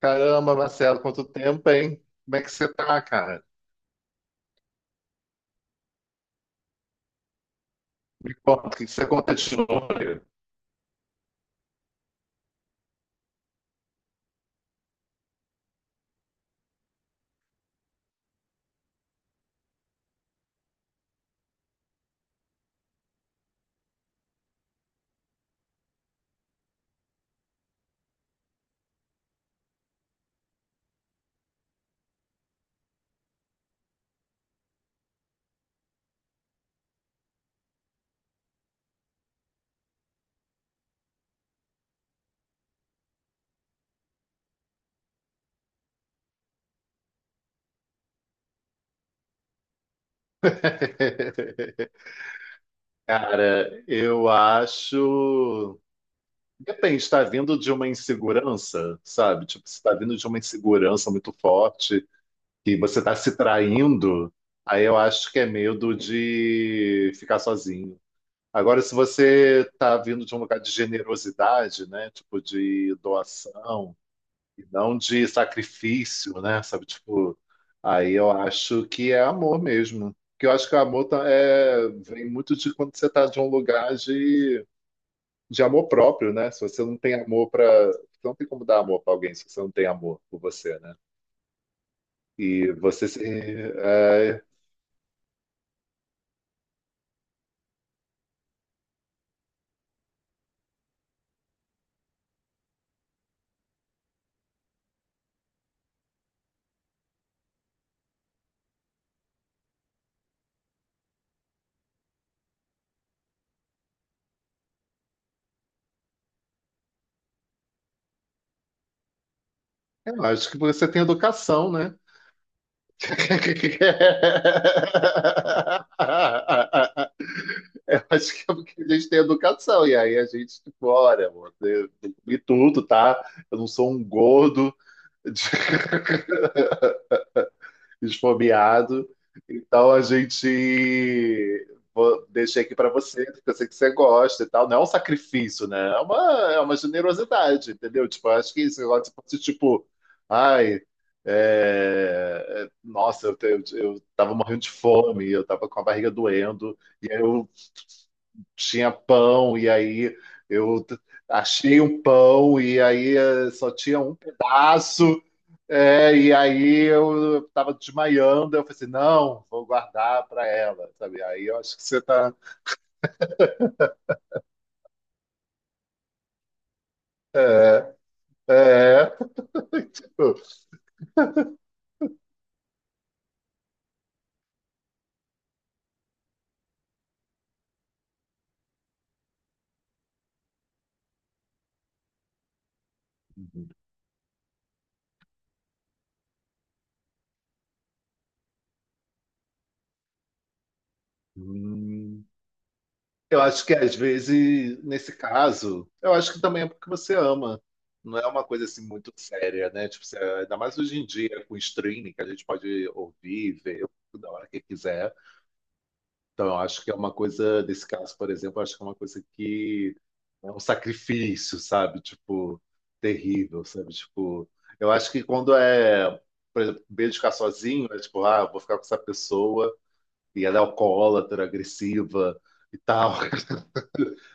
Caramba, Marcelo, quanto tempo, hein? Como é que você tá, cara? Me conta, o que você conta de novo? Cara, eu acho. Depende, está vindo de uma insegurança, sabe? Tipo, se está vindo de uma insegurança muito forte e você está se traindo, aí eu acho que é medo de ficar sozinho. Agora, se você está vindo de um lugar de generosidade, né? Tipo, de doação. E não de sacrifício, né? Sabe, tipo, aí eu acho que é amor mesmo. Que eu acho que o amor tá- é, vem muito de quando você tá de de amor próprio, né? Se você não tem amor para, não tem como dar amor para alguém se você não tem amor por você, né? E você se, é, Eu acho que você tem educação, né? Eu acho que é porque a gente tem educação, e aí a gente, tipo, olha, amor, eu comi tudo, tá? Eu não sou um gordo esfomeado, então deixei aqui pra você, porque eu sei que você gosta e tal. Não é um sacrifício, né? É uma generosidade, entendeu? Tipo, eu acho que esse negócio fosse tipo, ai, nossa, eu tava morrendo de fome, eu tava com a barriga doendo, e aí eu tinha pão, e aí eu t- achei um pão, e aí só tinha um pedaço, é, e aí eu estava desmaiando, eu falei assim, não, vou guardar para ela, sabe? Aí eu acho que você está... É, é, tipo, hum. Eu acho que às vezes, nesse caso, eu acho que também é porque você ama. Não é uma coisa assim muito séria, né? Tipo, ainda mais hoje em dia, com streaming, que a gente pode ouvir, ver, da hora que quiser. Então, eu acho que é uma coisa, nesse caso, por exemplo, eu acho que é uma coisa que é um sacrifício, sabe? Tipo, terrível, sabe? Tipo, eu acho que por exemplo, medo de ficar sozinho, é tipo, ah, eu vou ficar com essa pessoa e ela é alcoólatra, agressiva e tal,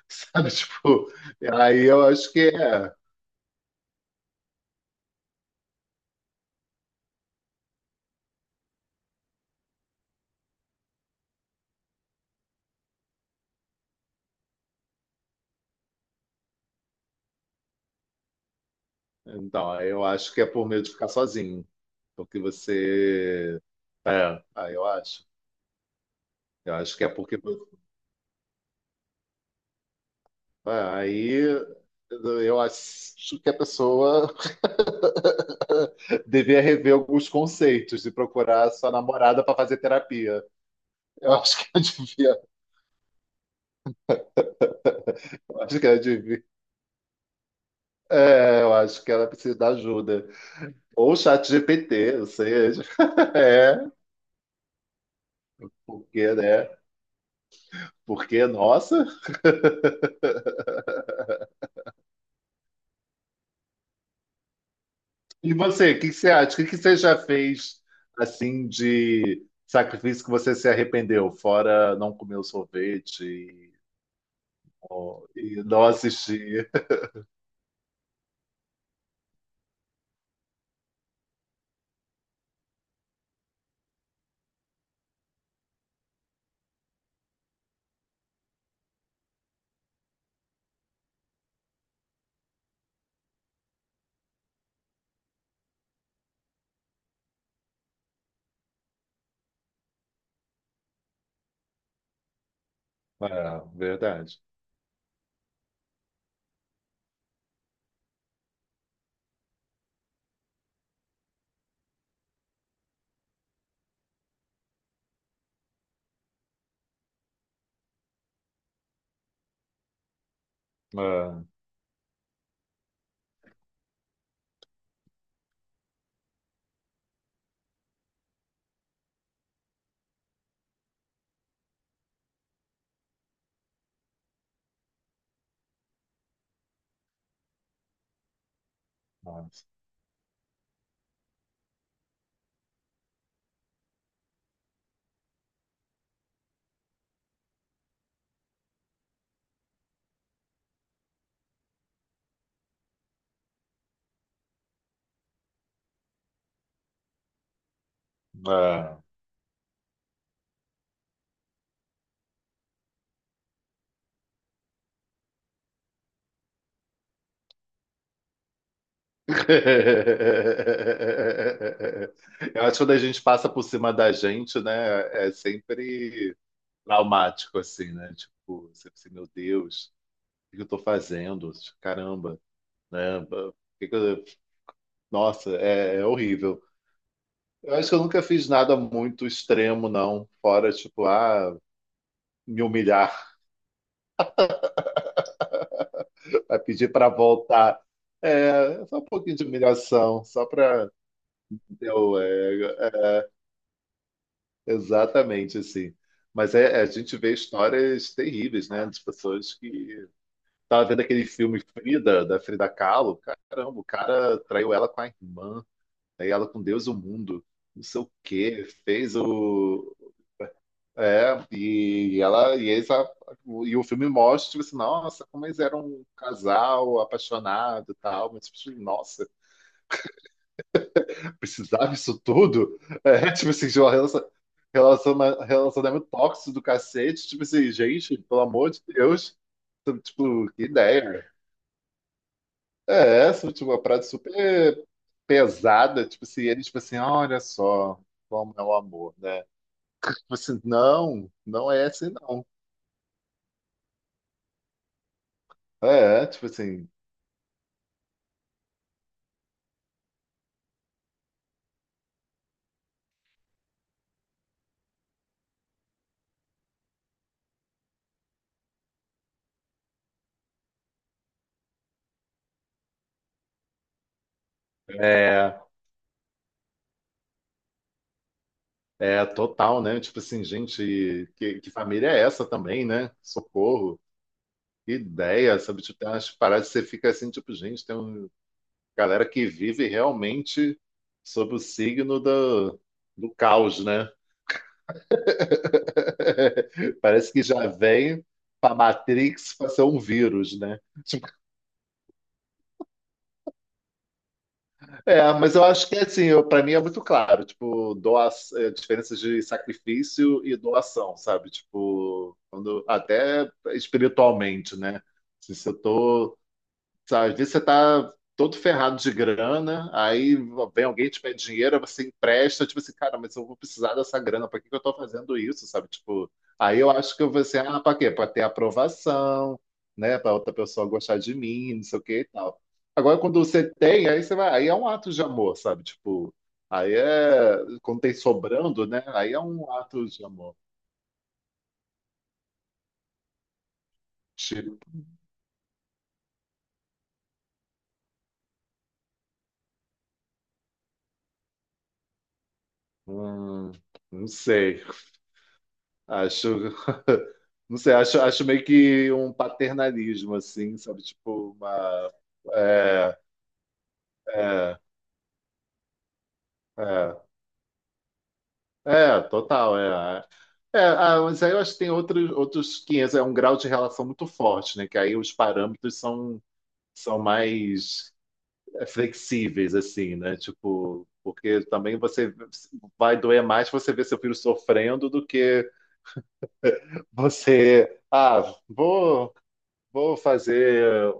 sabe? Tipo, aí eu acho que é. Então, aí eu acho que é por medo de ficar sozinho, porque você. É, aí eu acho. Eu acho que é porque Ah, aí eu acho que a pessoa devia rever alguns conceitos e procurar sua namorada para fazer terapia. Eu acho que ela devia, eu acho que ela devia. É, eu acho que ela precisa de ajuda. Ou chat GPT, ou seja, é, é, porque, né? Porque, nossa. E você, o que que você acha? O que que você já fez assim de sacrifício que você se arrependeu? Fora não comer e não assistir. É, verdade. É, nossa. É. Eu acho que quando a gente passa por cima da gente, né, é sempre traumático, assim, né? Tipo, você pensa, meu Deus, o que eu tô fazendo? Caramba, né? O que que eu- Nossa, é horrível. Eu acho que eu nunca fiz nada muito extremo, não. Fora, tipo, ah, me humilhar, a pedir para voltar. É, só um pouquinho de humilhação, só para Eu, é, é, exatamente assim. A gente vê histórias terríveis, né? De pessoas que. Tava vendo aquele filme Frida, da Frida Kahlo. Caramba, o cara traiu ela com a irmã, aí ela com Deus e o mundo, não sei o quê, fez o. É, e ela. E o filme mostra, tipo assim, nossa, como eles eram um casal apaixonado e tal. Mas, tipo, assim, nossa, precisava isso tudo? É, tipo assim, de relacionamento tóxico do cacete. Tipo assim, gente, pelo amor de Deus. Tipo, que ideia. É, essa, tipo, uma parada super pesada. Tipo assim, ele, tipo assim, olha só como é o amor, né? Tipo assim, não, não é assim, não. É, tipo assim, é, é total, né? Tipo assim, gente, que família é essa também, né? Socorro. Que ideia, sabe? Tipo, tem umas paradas que você fica assim, tipo, gente, tem um, galera que vive realmente sob o signo do caos, né? Parece que já vem para Matrix para ser um vírus, né? Tipo, é, mas eu acho que assim, para mim é muito claro, tipo, diferenças de sacrifício e doação, sabe? Tipo, quando, até espiritualmente, né? Se eu tô sabe? Às vezes você tá todo ferrado de grana, aí vem alguém te pede dinheiro, aí você empresta, tipo assim, cara, mas eu vou precisar dessa grana, pra que que eu tô fazendo isso, sabe? Tipo, aí eu acho que eu vou assim, ah, pra quê? Pra ter aprovação, né? Pra outra pessoa gostar de mim, não sei o que e tal. Agora, quando você tem, aí você vai, aí é um ato de amor, sabe? Tipo, aí é, quando tem sobrando, né? Aí é um ato de amor. Tipo, hum, não sei. Acho, não sei, acho meio que um paternalismo, assim, sabe? Tipo, uma. É, é, é, total, é. Ah, mas aí eu acho que tem outros, outros 500 é um grau de relação muito forte, né? Que aí são mais flexíveis, assim, né? Tipo, porque também você vai doer mais você ver seu filho sofrendo do que você, ah, vou, vou fazer.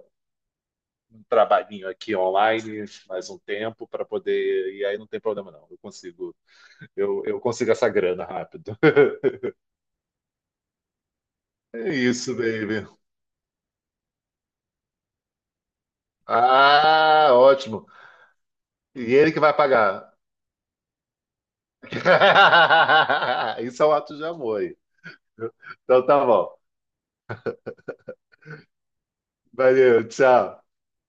Trabalhinho aqui online mais um tempo para poder. E aí não tem problema, não. Eu consigo, eu consigo essa grana rápido. É isso, baby. Ah, ótimo. E ele que vai pagar. Isso é um ato de amor. Aí. Então tá bom. Valeu, tchau.